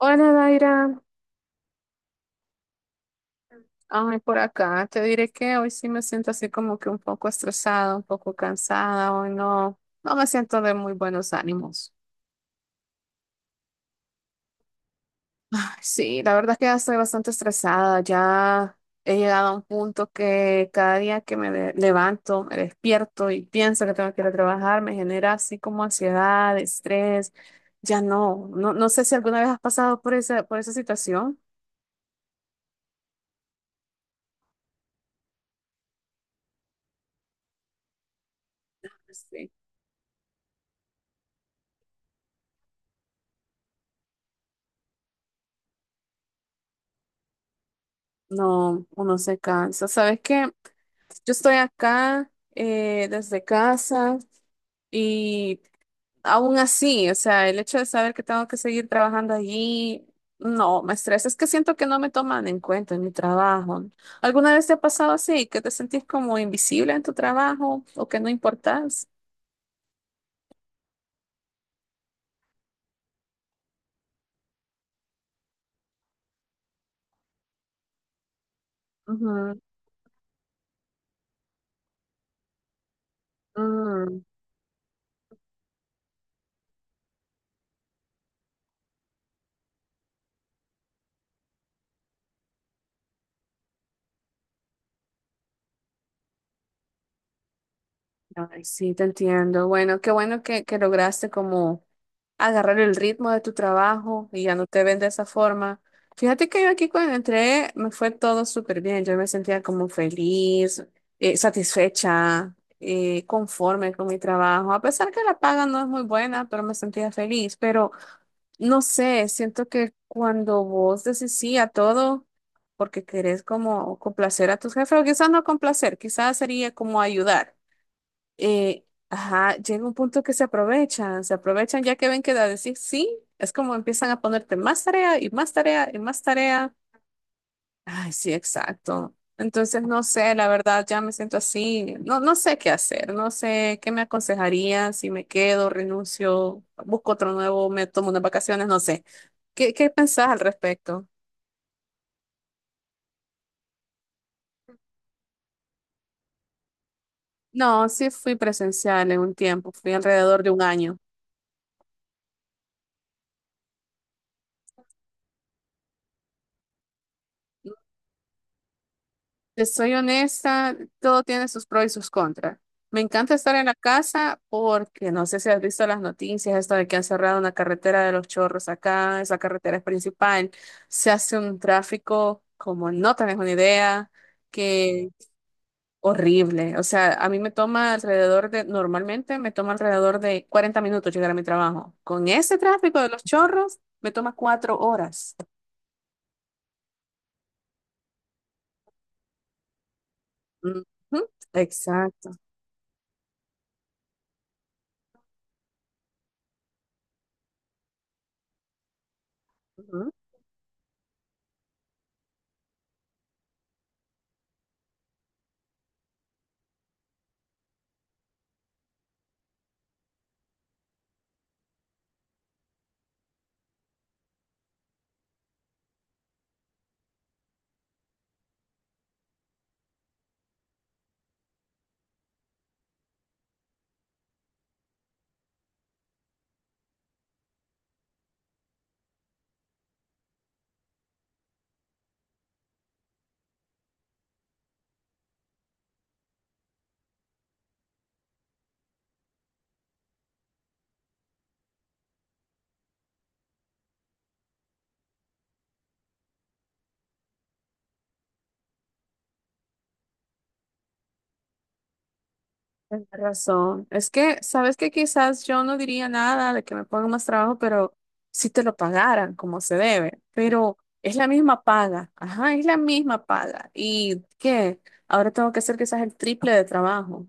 Hola, Daira. Ay, por acá. Te diré que hoy sí me siento así como que un poco estresada, un poco cansada. Hoy no, no me siento de muy buenos ánimos. Sí, la verdad es que ya estoy bastante estresada. Ya he llegado a un punto que cada día que me levanto, me despierto y pienso que tengo que ir a trabajar, me genera así como ansiedad, estrés. Ya no, no, no sé si alguna vez has pasado por esa situación. Sí. No, uno se cansa. ¿Sabes qué? Yo estoy acá desde casa y aún así, o sea, el hecho de saber que tengo que seguir trabajando allí, no, me estresa. Es que siento que no me toman en cuenta en mi trabajo. ¿Alguna vez te ha pasado así, que te sentís como invisible en tu trabajo o que no importás? Ujú. Mm. Ay, sí, te entiendo. Bueno, qué bueno que lograste como agarrar el ritmo de tu trabajo y ya no te ven de esa forma. Fíjate que yo aquí cuando entré me fue todo súper bien, yo me sentía como feliz, satisfecha, conforme con mi trabajo, a pesar que la paga no es muy buena, pero me sentía feliz, pero no sé, siento que cuando vos decís sí a todo, porque querés como complacer a tus jefes, o quizás no complacer, quizás sería como ayudar. eh, ajá, llega un punto que se aprovechan ya que ven que da decir sí, es como empiezan a ponerte más tarea y más tarea y más tarea. Ay, sí, exacto. Entonces, no sé, la verdad, ya me siento así. No, no sé qué hacer, no sé qué me aconsejaría, si me quedo, renuncio, busco otro nuevo, me tomo unas vacaciones, no sé. ¿Qué pensás al respecto? No, sí fui presencial en un tiempo, fui alrededor de un año. Te soy honesta, todo tiene sus pros y sus contras. Me encanta estar en la casa porque no sé si has visto las noticias, esto de que han cerrado una carretera de los Chorros acá, esa carretera es principal, se hace un tráfico como no tenés una idea, que horrible. O sea, a mí me toma normalmente me toma alrededor de 40 minutos llegar a mi trabajo. Con ese tráfico de los Chorros, me toma 4 horas. Ujú. Exacto. Tienes razón. Es que, sabes que quizás yo no diría nada de que me pongan más trabajo, pero si te lo pagaran como se debe. Pero es la misma paga. Ajá, es la misma paga. ¿Y qué? Ahora tengo que hacer quizás el triple de trabajo.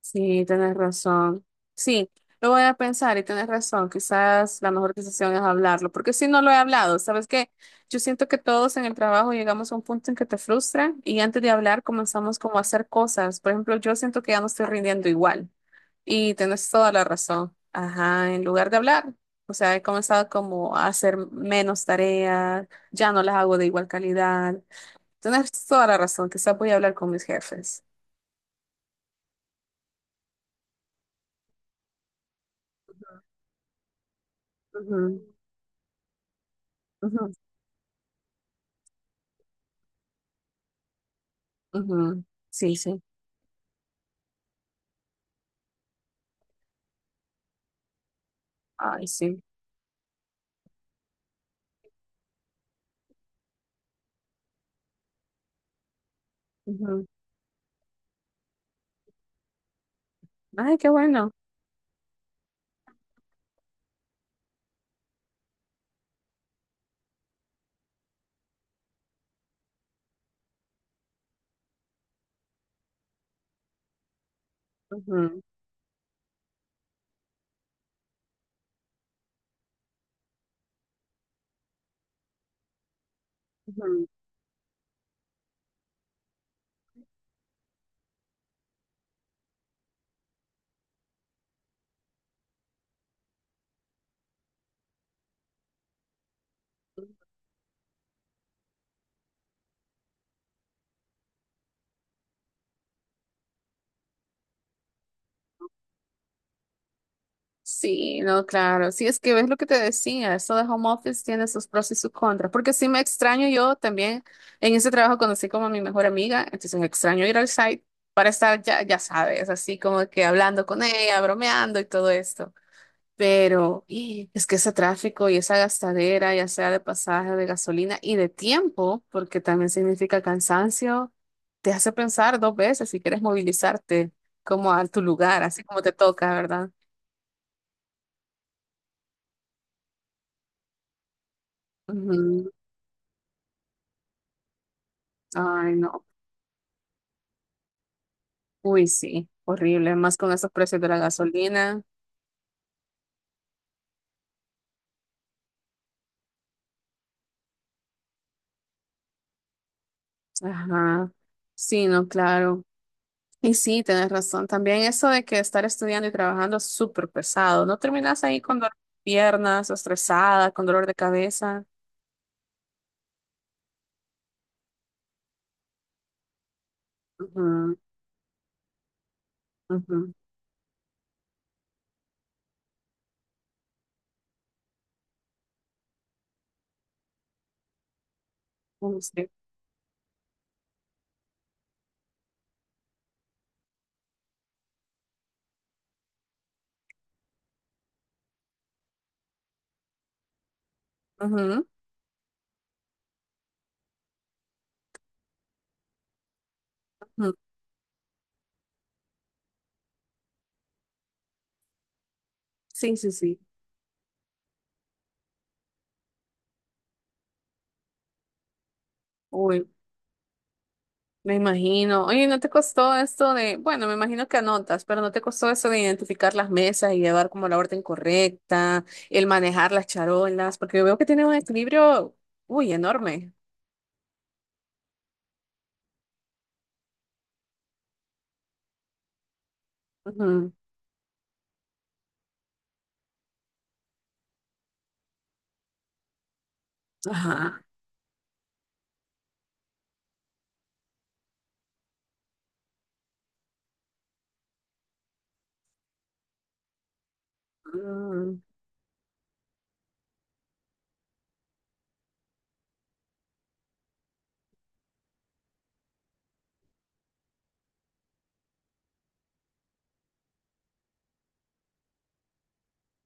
Sí, tienes razón. Sí, lo voy a pensar y tienes razón. Quizás la mejor decisión es hablarlo, porque si no lo he hablado, ¿sabes qué? Yo siento que todos en el trabajo llegamos a un punto en que te frustra y antes de hablar comenzamos como a hacer cosas. Por ejemplo, yo siento que ya no estoy rindiendo igual y tienes toda la razón. Ajá, en lugar de hablar, o sea, he comenzado como a hacer menos tareas, ya no las hago de igual calidad. Tienes toda la razón. Quizás voy a hablar con mis jefes. Ujú, ujú. Ujú. Sí, sí. Ay, sí. Ujú. Ay, qué bueno. Ujú, ujú. Sí, no, claro. Sí, es que ves lo que te decía, eso de home office tiene sus pros y sus contras, porque sí me extraño yo también, en ese trabajo conocí como a mi mejor amiga, entonces me extraño ir al site para estar, ya, ya sabes, así como que hablando con ella, bromeando y todo esto. Pero ¡ih! Es que ese tráfico y esa gastadera, ya sea de pasaje, de gasolina y de tiempo, porque también significa cansancio, te hace pensar dos veces si quieres movilizarte como a tu lugar, así como te toca, ¿verdad? Ujú. Ay, no. Uy, sí, horrible. Más con esos precios de la gasolina. Ajá. Sí, no, claro. Y sí, tienes razón. También eso de que estar estudiando y trabajando es súper pesado. No terminas ahí con dolor de piernas, estresada, con dolor de cabeza. Ujú, ujú, ujú, sí, ujú, ujú. Sí, sí, sí. Uy, me imagino. Oye, ¿no te costó esto de, bueno, me imagino que anotas, pero ¿no te costó eso de identificar las mesas y llevar como la orden correcta, el manejar las charolas? Porque yo veo que tiene un equilibrio, uy, enorme. Ujú. Ajá.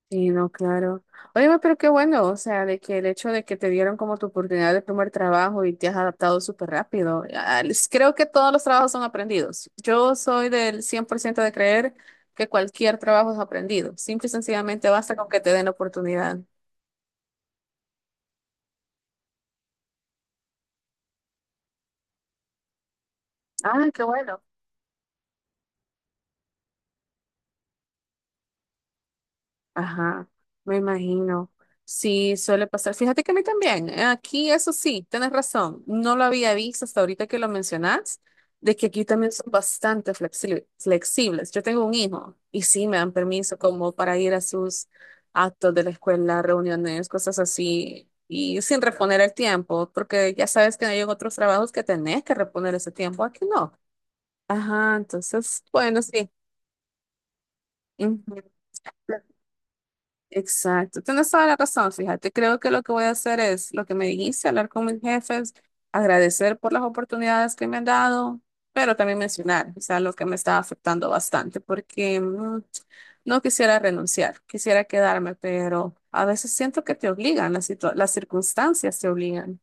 Sí, no, claro. Oye, pero qué bueno, o sea, de que el hecho de que te dieron como tu oportunidad de primer trabajo y te has adaptado súper rápido. Ah, creo que todos los trabajos son aprendidos. Yo soy del 100% de creer que cualquier trabajo es aprendido. Simple y sencillamente basta con que te den la oportunidad. Ah, qué bueno. Ajá, me imagino. Sí, suele pasar. Fíjate que a mí también. Aquí, eso sí, tienes razón. No lo había visto hasta ahorita que lo mencionas, de que aquí también son bastante flexibles. Yo tengo un hijo y sí me dan permiso como para ir a sus actos de la escuela, reuniones, cosas así, y sin reponer el tiempo, porque ya sabes que hay en otros trabajos que tenés que reponer ese tiempo. Aquí no. Ajá, entonces, bueno, sí. Ujú. Exacto, tienes toda la razón, fíjate, creo que lo que voy a hacer es lo que me dijiste, hablar con mis jefes, agradecer por las oportunidades que me han dado, pero también mencionar, o sea, lo que me está afectando bastante, porque no quisiera renunciar, quisiera quedarme, pero a veces siento que te obligan, las, las circunstancias te obligan.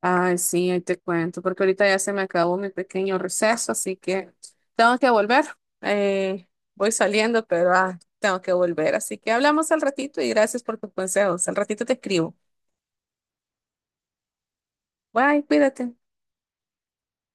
Ay, sí, ahí te cuento, porque ahorita ya se me acabó mi pequeño receso, así que tengo que volver. Eh, Voy saliendo, pero ah, tengo que volver. Así que hablamos al ratito y gracias por tus consejos. Al ratito te escribo. Bye, cuídate.